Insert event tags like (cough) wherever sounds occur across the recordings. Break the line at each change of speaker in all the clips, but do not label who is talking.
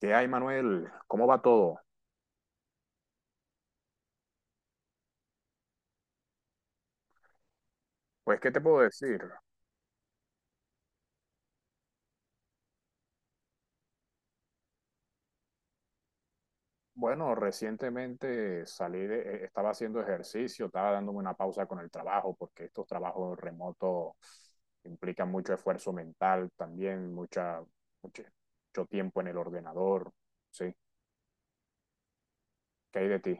¿Qué hay, Manuel? ¿Cómo va todo? Pues, ¿qué te puedo decir? Bueno, recientemente salí de, estaba haciendo ejercicio, estaba dándome una pausa con el trabajo, porque estos trabajos remotos implican mucho esfuerzo mental también, mucho, mucho tiempo en el ordenador, ¿sí? ¿Qué hay de ti?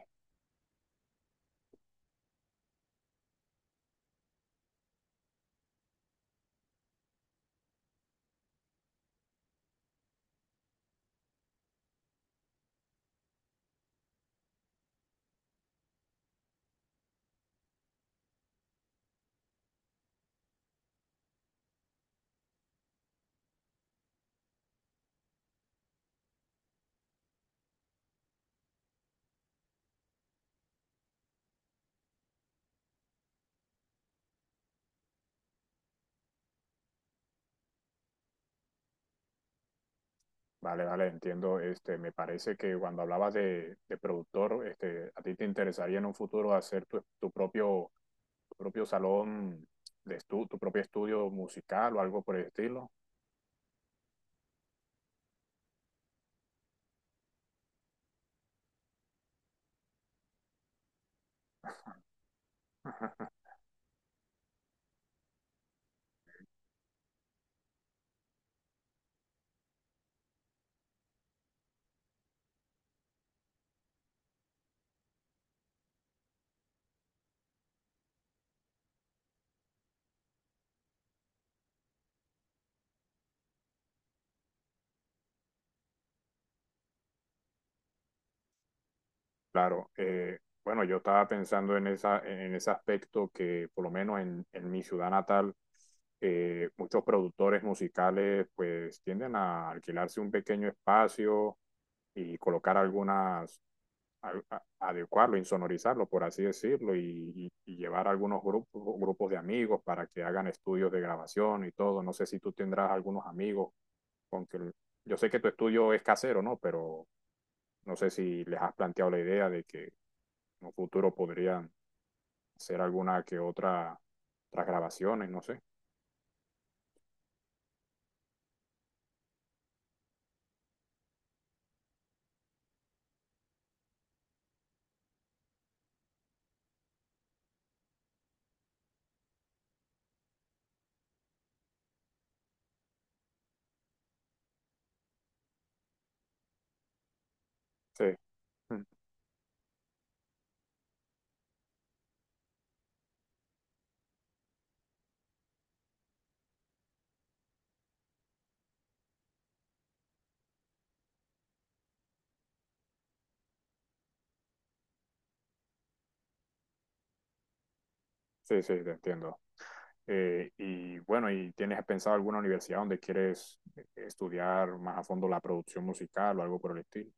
Vale, vale, entiendo. Este, me parece que cuando hablabas de productor, este, a ti te interesaría en un futuro hacer tu propio salón de estu tu propio estudio musical o algo por el estilo. (laughs) Claro, bueno, yo estaba pensando en esa, en ese aspecto que por lo menos en mi ciudad natal, muchos productores musicales pues tienden a alquilarse un pequeño espacio y colocar algunas, adecuarlo, insonorizarlo, por así decirlo, y llevar algunos grupos de amigos para que hagan estudios de grabación y todo. No sé si tú tendrás algunos amigos con que yo sé que tu estudio es casero, ¿no? Pero no sé si les has planteado la idea de que en un futuro podrían hacer alguna que otra tras grabaciones, no sé. Sí, mm, sí, sí, te entiendo. Y bueno, ¿y tienes pensado alguna universidad donde quieres estudiar más a fondo la producción musical o algo por el estilo?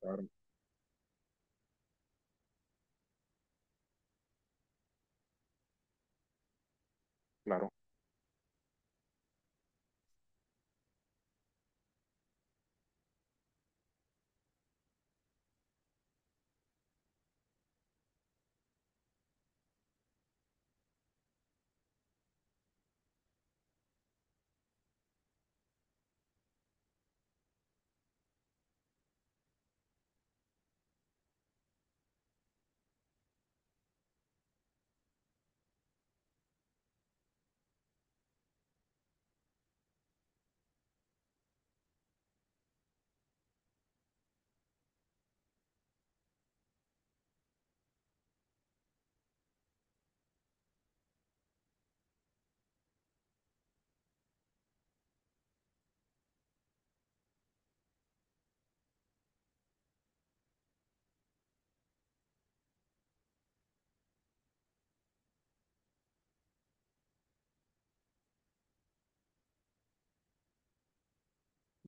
Claro, claro.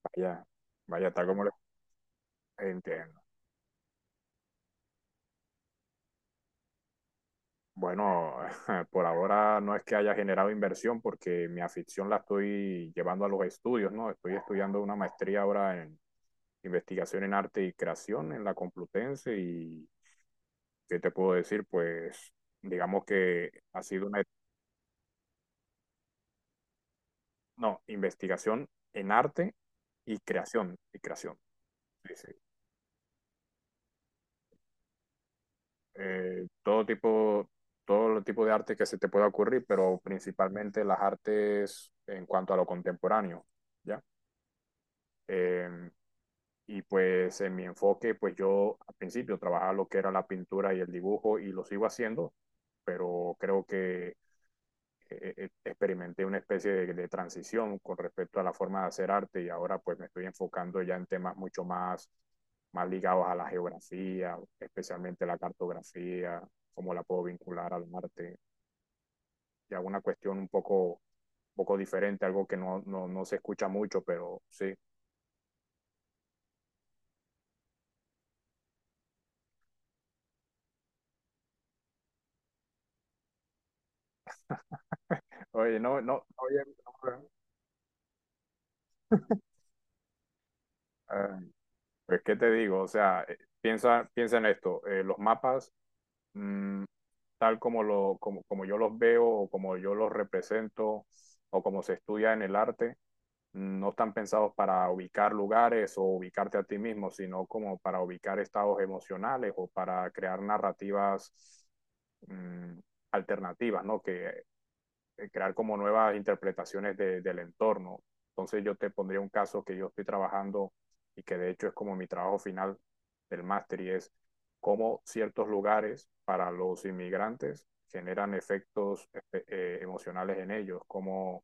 Vaya, vaya, tal como lo entiendo. Bueno, (laughs) por ahora no es que haya generado inversión porque mi afición la estoy llevando a los estudios, ¿no? Estoy estudiando una maestría ahora en investigación en arte y creación en la Complutense y ¿qué te puedo decir? Pues digamos que ha sido una, no, investigación en arte y creación, y creación. Sí, sí. Todo tipo, todo el tipo de arte que se te pueda ocurrir, pero principalmente las artes en cuanto a lo contemporáneo, ¿ya? Em, y pues en mi enfoque, pues yo al principio trabajaba lo que era la pintura y el dibujo y lo sigo haciendo, pero creo que experimenté una especie de transición con respecto a la forma de hacer arte y ahora pues me estoy enfocando ya en temas mucho más, más ligados a la geografía, especialmente la cartografía, cómo la puedo vincular al arte, ya una cuestión un poco diferente, algo que no se escucha mucho, pero sí. Oye, no, no, oye, no, eh, pues, ¿qué te digo? O sea, piensa en esto. Los mapas, mm, tal como lo, como yo los veo o como yo los represento o como se estudia en el arte, mm, no están pensados para ubicar lugares o ubicarte a ti mismo, sino como para ubicar estados emocionales o para crear narrativas, mm, alternativas, ¿no? Que crear como nuevas interpretaciones de, del entorno. Entonces yo te pondría un caso que yo estoy trabajando y que de hecho es como mi trabajo final del máster y es cómo ciertos lugares para los inmigrantes generan efectos emocionales en ellos, como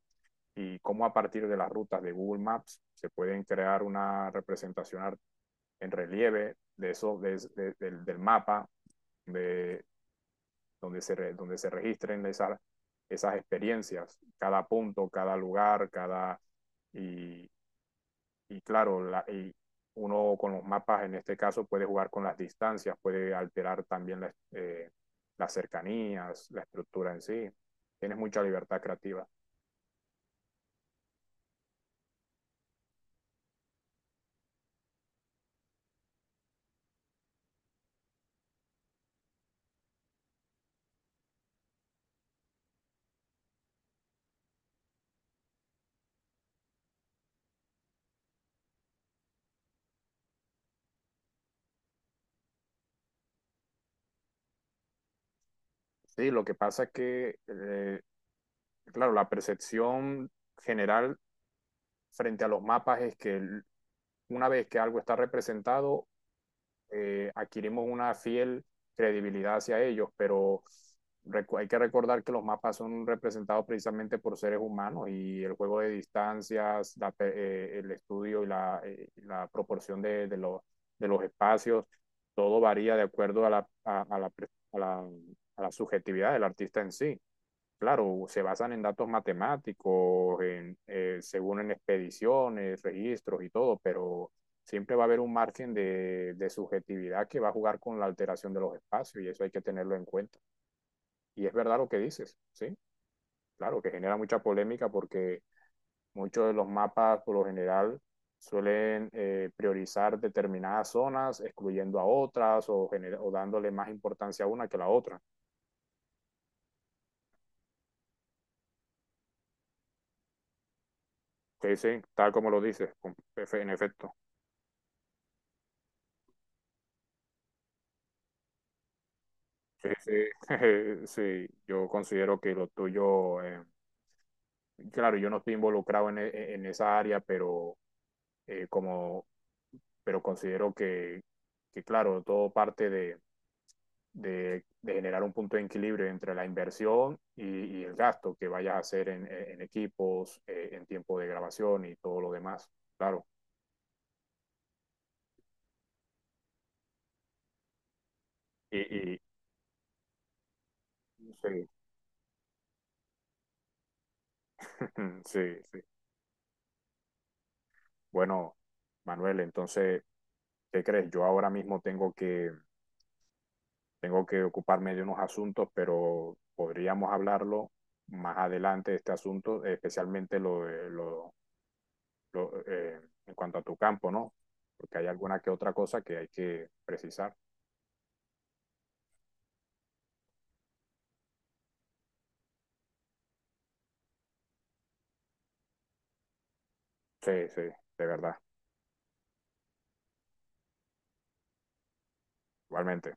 y cómo a partir de las rutas de Google Maps se pueden crear una representación en relieve de eso, de, del mapa, de donde se, re, donde se registren esas, esas experiencias, cada punto, cada lugar, cada... Y, y claro, la, y uno con los mapas en este caso puede jugar con las distancias, puede alterar también la, las cercanías, la estructura en sí. Tienes mucha libertad creativa. Sí, lo que pasa es que, claro, la percepción general frente a los mapas es que una vez que algo está representado, adquirimos una fiel credibilidad hacia ellos, pero hay que recordar que los mapas son representados precisamente por seres humanos y el juego de distancias, la, el estudio y la, la proporción los espacios, todo varía de acuerdo a, la, a la a la subjetividad del artista en sí. Claro, se basan en datos matemáticos, en, según en expediciones, registros y todo, pero siempre va a haber un margen de subjetividad que va a jugar con la alteración de los espacios y eso hay que tenerlo en cuenta. Y es verdad lo que dices, ¿sí? Claro, que genera mucha polémica porque muchos de los mapas por lo general suelen priorizar determinadas zonas, excluyendo a otras o, gener- o dándole más importancia a una que a la otra. Que sí, tal como lo dices, con- en efecto. Sí, sí, (laughs) sí, yo considero que lo tuyo, claro, yo no estoy involucrado en, e- en esa área, pero eh, como, pero considero que, claro, todo parte de generar un punto de equilibrio entre la inversión y el gasto que vayas a hacer en, e, en equipos, en tiempo de grabación y todo lo demás, claro. Y, y sí, (laughs) sí, sí. Bueno, Manuel, entonces, ¿qué crees? Yo ahora mismo tengo que tengo que ocuparme de unos asuntos, pero podríamos hablarlo más adelante, de este asunto, especialmente lo, de- lo en cuanto a tu campo, ¿no? Porque hay alguna que otra cosa que hay que precisar. Sí, sí, de verdad, igualmente.